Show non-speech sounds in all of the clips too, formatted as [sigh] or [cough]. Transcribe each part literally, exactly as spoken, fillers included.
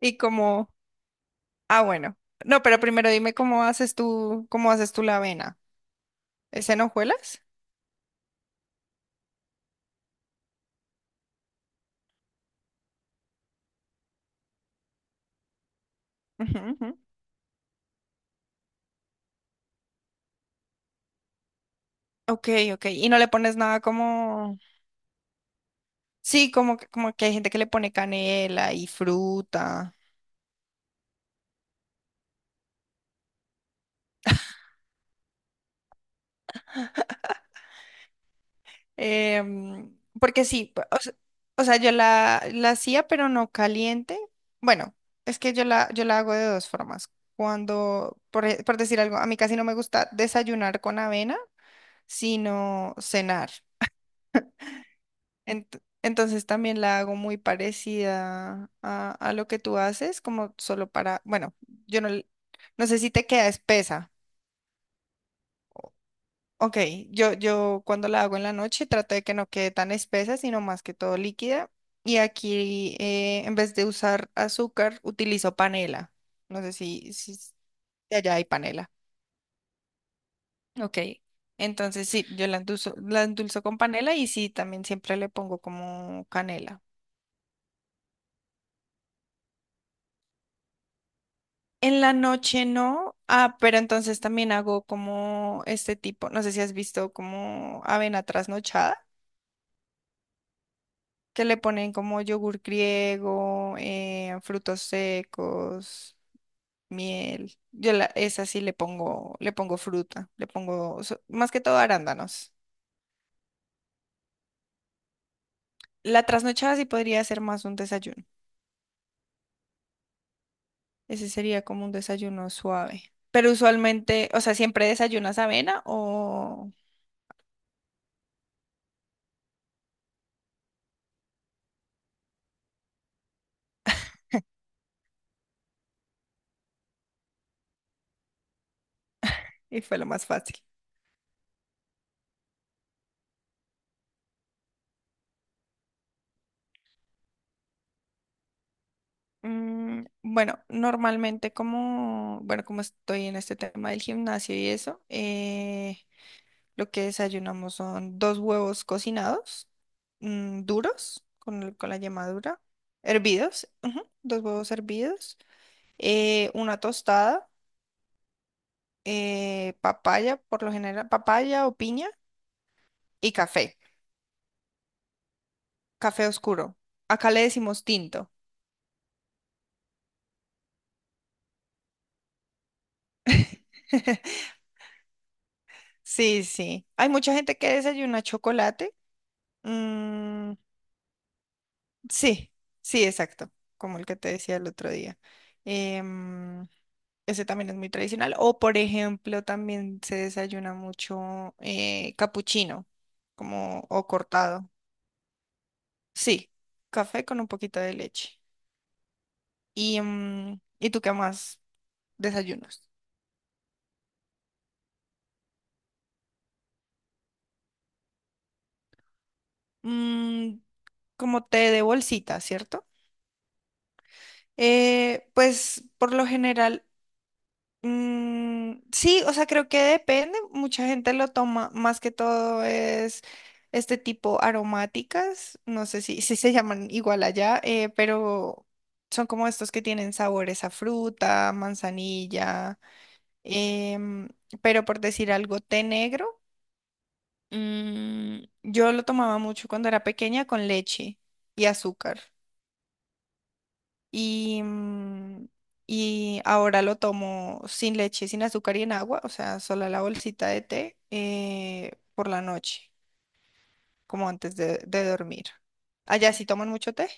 Y como, ah, bueno. No, pero primero dime cómo haces tú, cómo haces tú la avena. ¿Es en hojuelas? Ujú, ujú. Ok, ok. Y no le pones nada como, sí, como, que- como que hay gente que le pone canela y fruta. Em, Porque sí, p- o, se- o sea, yo la, la hacía, pero no caliente. Bueno, es que yo la, yo la hago de dos formas. Cuando, por, e- por decir algo, a mí casi no me gusta desayunar con avena, sino cenar. Ent- entonces también la hago muy parecida a, a lo que tú haces, como solo para, bueno, yo no, l- no sé si te queda espesa. Ok, yo, yo cuando la hago en la noche trato de que no quede tan espesa, sino más que todo líquida. Y aquí eh, en vez de usar azúcar, utilizo panela. No sé si, si s- de allá hay panela. Ok, entonces sí, yo la endulzo, la endulzo con panela y sí, también siempre le pongo como canela. En la noche no, ah, pero entonces también hago como este tipo, no sé si has visto como avena trasnochada, que le ponen como yogur griego, eh, frutos secos, miel. Yo la, esa sí le pongo, le pongo fruta, le pongo so- más que todo arándanos. La trasnochada sí podría ser más un desayuno. Ese sería como un desayuno suave. Pero usualmente, o sea, ¿siempre desayunas avena o...? Y fue lo más fácil. Mm, bueno, normalmente como, bueno, como estoy en este tema del gimnasio y eso, eh, lo que desayunamos son dos huevos cocinados, mm, duros, con, el- con la yema dura, hervidos, ujú, dos huevos hervidos, eh, una tostada, eh, papaya, por lo general, papaya o piña y café, café oscuro. Acá le decimos tinto. [laughs] Sí, sí. Hay mucha gente que desayuna chocolate. Mm, sí, sí, exacto, como el que te decía el otro día. Em, Ese también es muy tradicional. O, por ejemplo, también se desayuna mucho eh, capuchino, como o cortado. Sí, café con un poquito de leche. ¿Y, mm, ¿y tú qué más desayunos? Mm, como té de bolsita, ¿cierto? Eh, pues por lo general mm, sí, o sea, creo que depende. Mucha gente lo toma más que todo es este tipo aromáticas. No sé si, [laughs] si se llaman igual allá, eh, pero son como estos que tienen sabores a fruta, manzanilla. em, pero por decir algo, té negro. Mm, yo lo tomaba mucho cuando era pequeña con leche y azúcar y, mm, y ahora lo tomo sin leche, sin azúcar y en agua, o sea, solo la bolsita de té eh, por la noche, como antes de, de dormir. ¿Allá sí toman mucho té?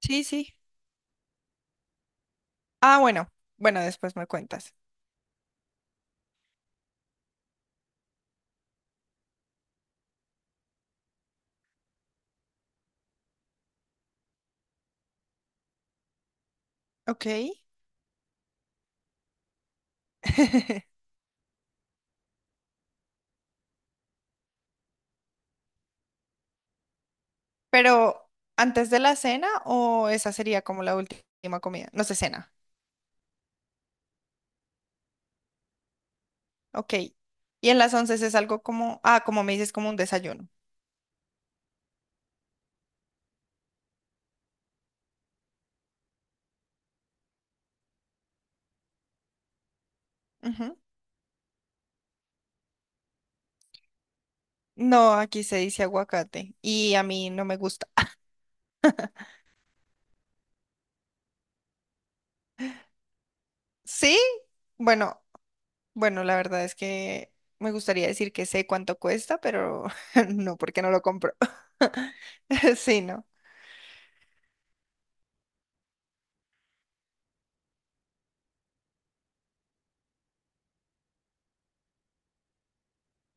Sí, sí. Ah, bueno, bueno, después me cuentas. Ok. [laughs] Pero, ¿antes de la cena o esa sería como la última comida? No sé, cena. Ok. Y en las once es algo como, ah, como me dices, como un desayuno. Ujú. No, aquí se dice aguacate y a mí no me gusta. Sí, bueno, bueno, la verdad es que me gustaría decir que sé cuánto cuesta, pero [laughs] no, porque no lo compro. [laughs] Sí, no.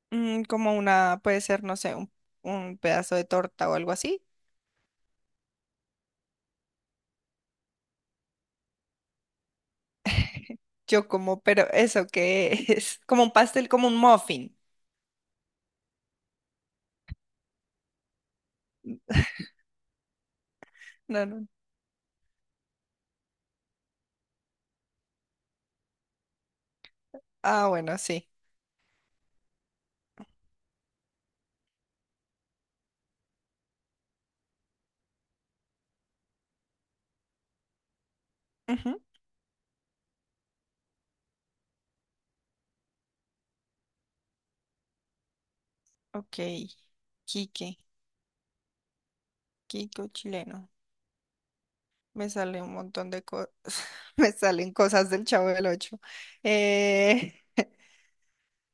Mm, como una, puede ser, no sé, un, un pedazo de torta o algo así. Yo como, pero eso que [laughs] es como un pastel, como un muffin. No, no. Ah, bueno, sí. Ujú. Ok. Quique, Kiko chileno. Me sale un montón de cosas. [laughs] Me salen cosas del Chavo del Ocho. Eh,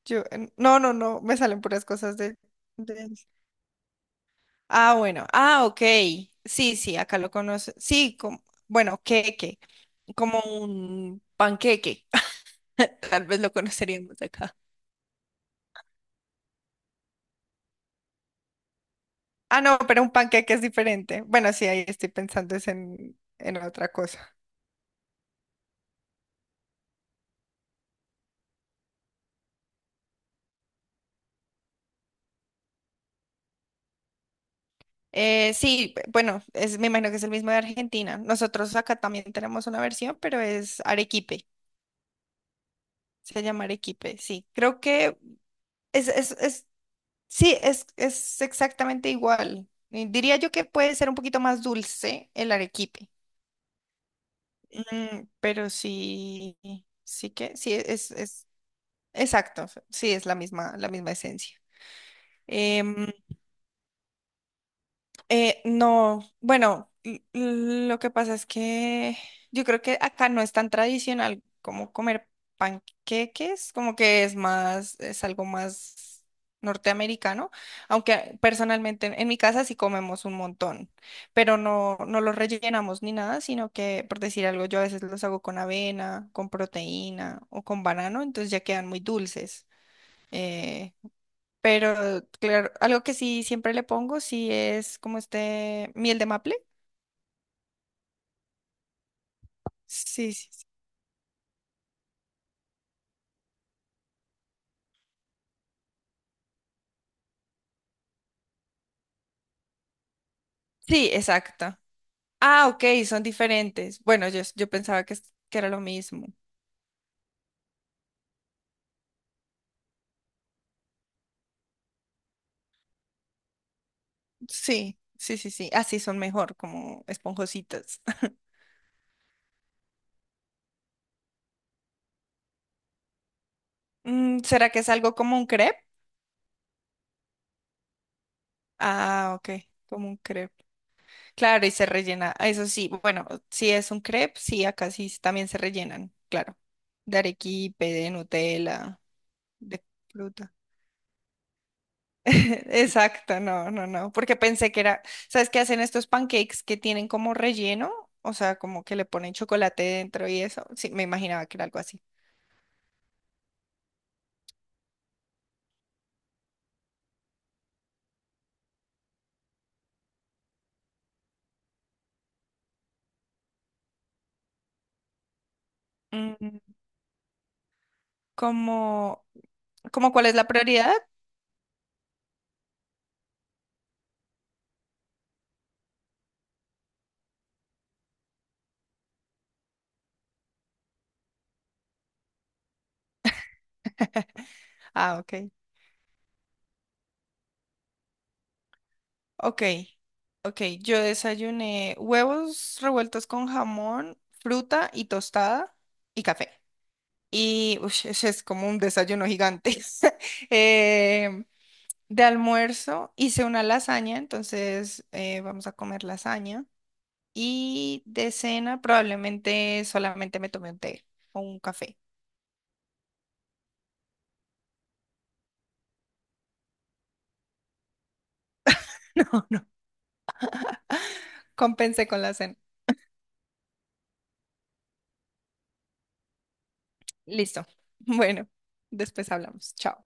Yo, en- no, no, no, me salen puras cosas de, de- ah, bueno, ah, ok. Sí, sí, acá lo conoce. Sí, como, bueno, queque, como un panqueque. [laughs] Tal vez lo conoceríamos acá. Ah, no, pero un panqueque es diferente. Bueno, sí, ahí estoy pensando es en, en otra cosa. Eh, sí, b- bueno, es, me imagino que es el mismo de Argentina. Nosotros acá también tenemos una versión, pero es arequipe. Se llama arequipe, sí. Creo que es es es sí, es, es exactamente igual. Eh, Diría yo que puede ser un poquito más dulce el arequipe, mm, pero sí, sí que, sí, es, es exacto, sí, es la misma, la misma esencia. Em, Eh, no, bueno, l- l- lo que pasa es que yo creo que acá no es tan tradicional como comer panqueques, como que es más, es algo más norteamericano, aunque personalmente en, en mi casa sí comemos un montón, pero no, no los rellenamos ni nada, sino que, por decir algo, yo a veces los hago con avena, con proteína o con banano, entonces ya quedan muy dulces. Eh, pero, claro, algo que sí siempre le pongo, sí es como este miel de maple. Sí, sí, sí. Sí, exacto. Ah, ok, son diferentes. Bueno, yo, yo pensaba que, es- que era lo mismo. Sí, sí, sí, sí. Así son mejor, como esponjositas. [laughs] Mm, ¿será que es algo como un crepe? Ah, ok, como un crepe. Claro, y se rellena. Ah, eso sí, bueno, si es un crepe, sí, acá sí s- también se rellenan, claro. De arequipe, de Nutella, de fruta. Exacto, no, no, no, porque pensé que era, ¿sabes qué hacen estos pancakes que tienen como relleno? O sea, como que le ponen chocolate dentro y eso. Sí, me imaginaba que era algo así. Mm, como, ¿como cuál es la prioridad? Ah, ok. Ok, ok. Yo desayuné huevos revueltos con jamón, fruta y tostada y café. Y ush, ese es como un desayuno gigante. [laughs] Em, De almuerzo hice una lasaña, entonces eh, vamos a comer lasaña. Y de cena probablemente solamente me tomé un té o un café. [laughs] No, no, compensé con la cena. Listo. Bueno, después hablamos. Chao.